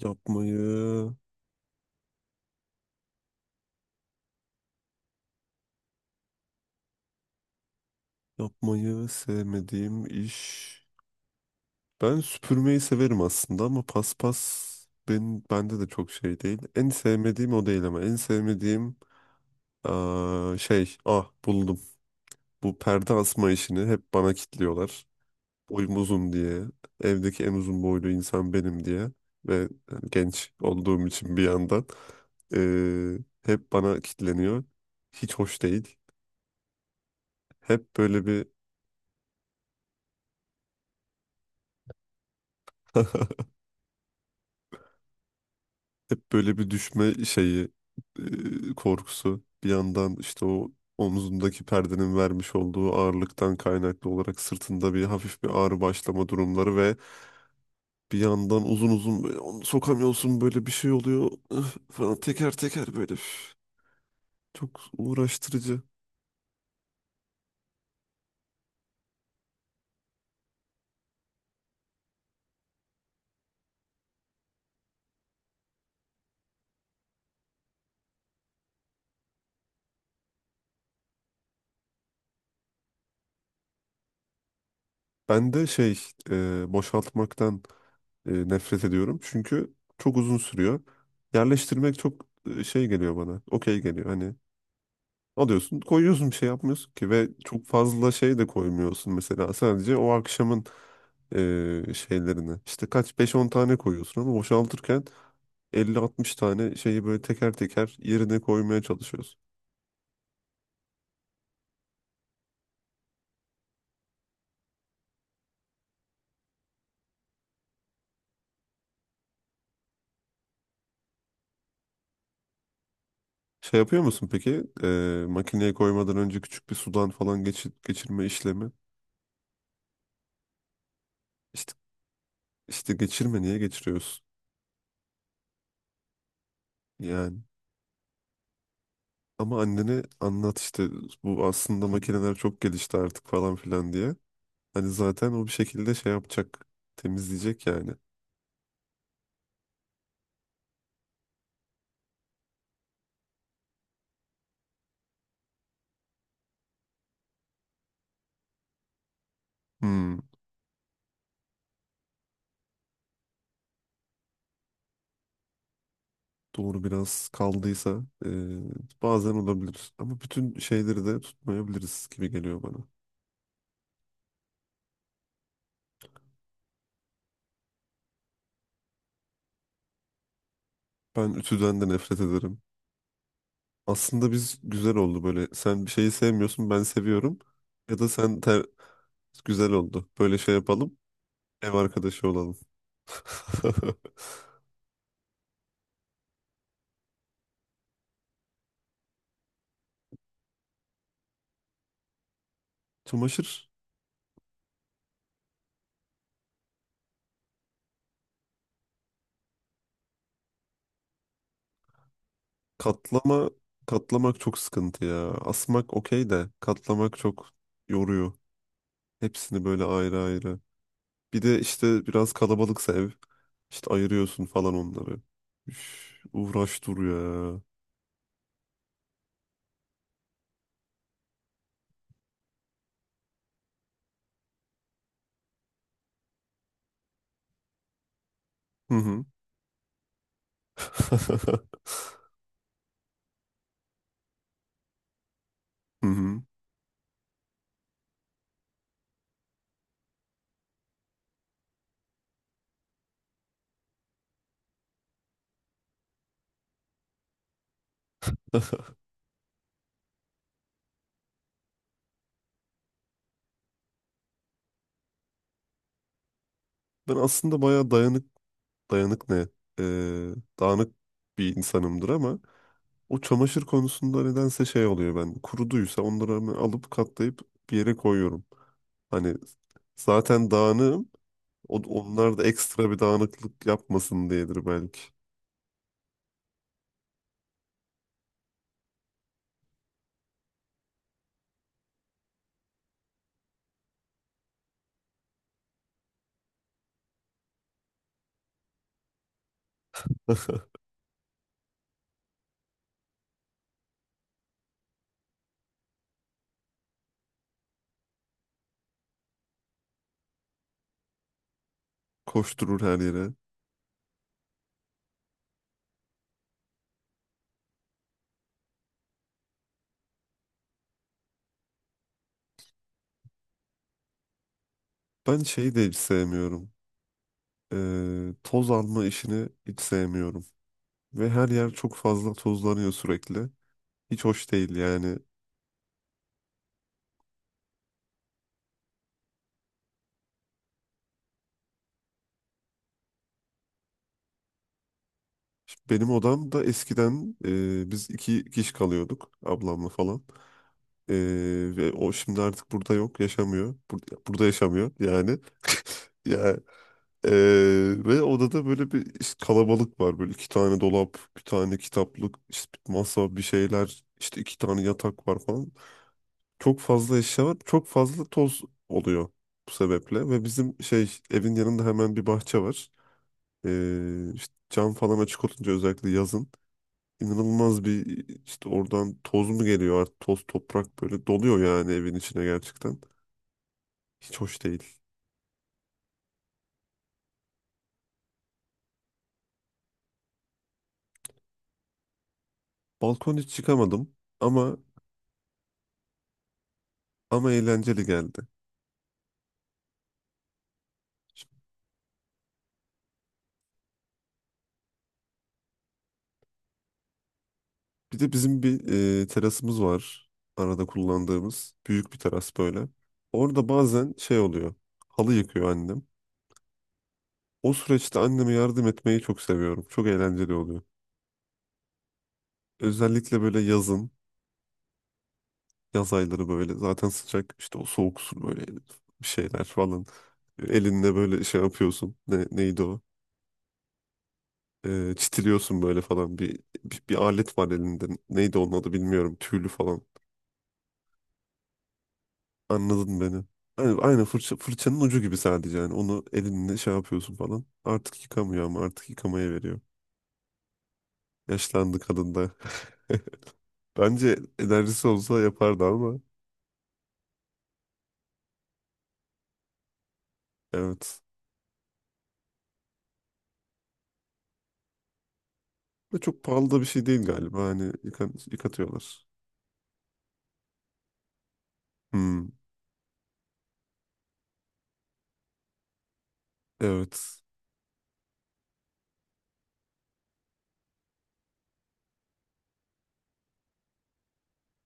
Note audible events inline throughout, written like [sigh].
Yapmayı, yapmayı sevmediğim iş. Ben süpürmeyi severim aslında ama paspas bende de çok şey değil. En sevmediğim o değil ama en sevmediğim şey ah buldum. Bu perde asma işini hep bana kitliyorlar. Boyum uzun diye. Evdeki en uzun boylu insan benim diye. Ve genç olduğum için bir yandan eee, hep bana kitleniyor. Hiç hoş değil. Hep böyle bir [laughs] Hep böyle bir düşme şeyi korkusu bir yandan işte o omzundaki perdenin vermiş olduğu ağırlıktan kaynaklı olarak sırtında bir hafif bir ağrı başlama durumları ve bir yandan uzun uzun böyle onu sokamıyorsun böyle bir şey oluyor üf falan teker teker böyle üf. Çok uğraştırıcı. Ben de şey boşaltmaktan nefret ediyorum çünkü çok uzun sürüyor. Yerleştirmek çok şey geliyor bana okey geliyor hani alıyorsun, koyuyorsun bir şey yapmıyorsun ki ve çok fazla şey de koymuyorsun mesela sadece o akşamın şeylerini. İşte kaç beş 10 tane koyuyorsun ama boşaltırken 50 60 tane şeyi böyle teker teker yerine koymaya çalışıyorsun. Şey yapıyor musun peki? E, makineye koymadan önce küçük bir sudan falan geçirme işlemi. İşte, işte geçirme niye geçiriyorsun? Yani ama annene anlat işte bu aslında makineler çok gelişti artık falan filan diye. Hani zaten o bir şekilde şey yapacak. Temizleyecek yani. Hmm, doğru biraz kaldıysa bazen olabilir. Ama bütün şeyleri de tutmayabiliriz gibi geliyor bana. Ben ütüden de nefret ederim. Aslında biz güzel oldu böyle. Sen bir şeyi sevmiyorsun ben seviyorum. Ya da sen ter... güzel oldu. Böyle şey yapalım. Ev arkadaşı olalım. [laughs] Çamaşır katlama katlamak çok sıkıntı ya. Asmak okey de katlamak çok yoruyor. Hepsini böyle ayrı ayrı. Bir de işte biraz kalabalıksa ev işte ayırıyorsun falan onları. Üf, uğraş dur ya. Hı hı. [laughs] Hı hı. Ben aslında bayağı dayanık ne? Ee, dağınık bir insanımdır ama o çamaşır konusunda nedense şey oluyor ben. Kuruduysa onları hemen alıp katlayıp bir yere koyuyorum. Hani zaten dağınığım. Onlar da ekstra bir dağınıklık yapmasın diyedir belki. [laughs] Koşturur her yere. Ben şeyi de hiç sevmiyorum. Toz alma işini hiç sevmiyorum. Ve her yer çok fazla tozlanıyor sürekli. Hiç hoş değil yani. Şimdi benim odamda eskiden biz iki kişi kalıyorduk ablamla falan. Ee, ve o şimdi artık burada yok, yaşamıyor. Burada yaşamıyor yani. Ya e, ve odada böyle bir işte kalabalık var. Böyle iki tane dolap, bir tane kitaplık, işte bir masa, bir şeyler, işte iki tane yatak var falan. Çok fazla eşya var. Çok fazla toz oluyor bu sebeple. Ve bizim şey evin yanında hemen bir bahçe var. İşte cam falan açık olunca özellikle yazın inanılmaz bir işte oradan toz mu geliyor artık toz toprak böyle doluyor yani evin içine gerçekten. Hiç hoş değil. Balkon hiç çıkamadım ama ama eğlenceli geldi. Bir de bizim bir terasımız var. Arada kullandığımız büyük bir teras böyle. Orada bazen şey oluyor. Halı yıkıyor annem. O süreçte anneme yardım etmeyi çok seviyorum. Çok eğlenceli oluyor. Özellikle böyle yazın, yaz ayları böyle zaten sıcak işte o soğuk su böyle bir şeyler falan. Elinde böyle şey yapıyorsun. Ne, neydi o? Çitiliyorsun böyle falan bir alet var elinde. Neydi onun adı bilmiyorum. Tüylü falan. Anladın beni. Aynı fırçanın ucu gibi sadece yani. Onu elinle şey yapıyorsun falan. Artık yıkamıyor ama artık yıkamaya veriyor. Yaşlandı kadın da. [laughs] Bence enerjisi olsa yapardı ama evet. Ve çok pahalı da bir şey değil galiba. Hani yıkatıyorlar. Hmm, evet.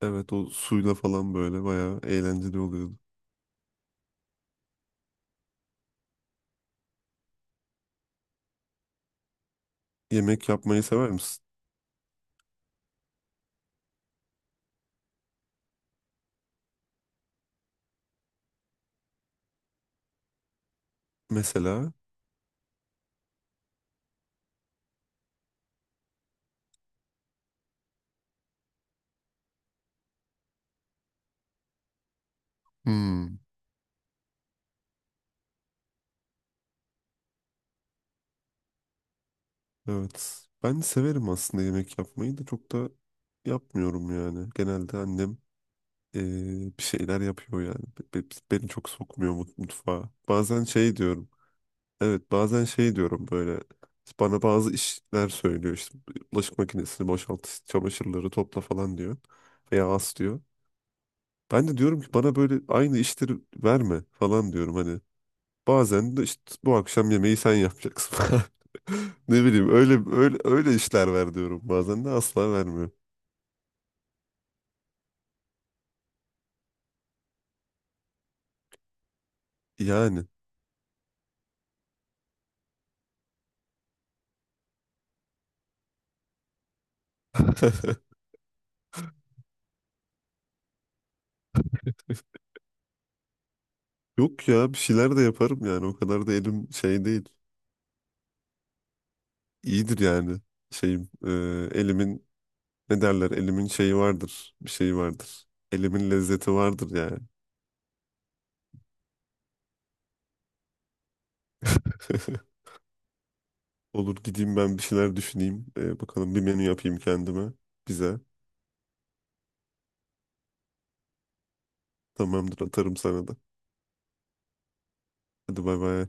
Evet o suyla falan böyle bayağı eğlenceli oluyordu. Yemek yapmayı sever misin? Mesela. Hmm, evet. Ben severim aslında yemek yapmayı da çok da yapmıyorum yani. Genelde annem bir şeyler yapıyor yani. Beni çok sokmuyor mutfağa. Bazen şey diyorum. Evet bazen şey diyorum böyle bana bazı işler söylüyor işte bulaşık makinesini boşalt çamaşırları topla falan diyor veya as diyor. Ben de diyorum ki bana böyle aynı işleri verme falan diyorum hani bazen de işte bu akşam yemeği sen yapacaksın [laughs] falan. Ne bileyim öyle öyle öyle işler ver diyorum bazen de asla vermiyor. Yani [laughs] yok ya bir şeyler de yaparım yani o kadar da elim şey değil. İyidir yani şeyim elimin ne derler? Elimin şeyi vardır. Bir şeyi vardır. Elimin lezzeti vardır yani. [laughs] Olur gideyim ben bir şeyler düşüneyim. Bakalım bir menü yapayım kendime. Bize. Tamamdır atarım sana da. Hadi bay bay.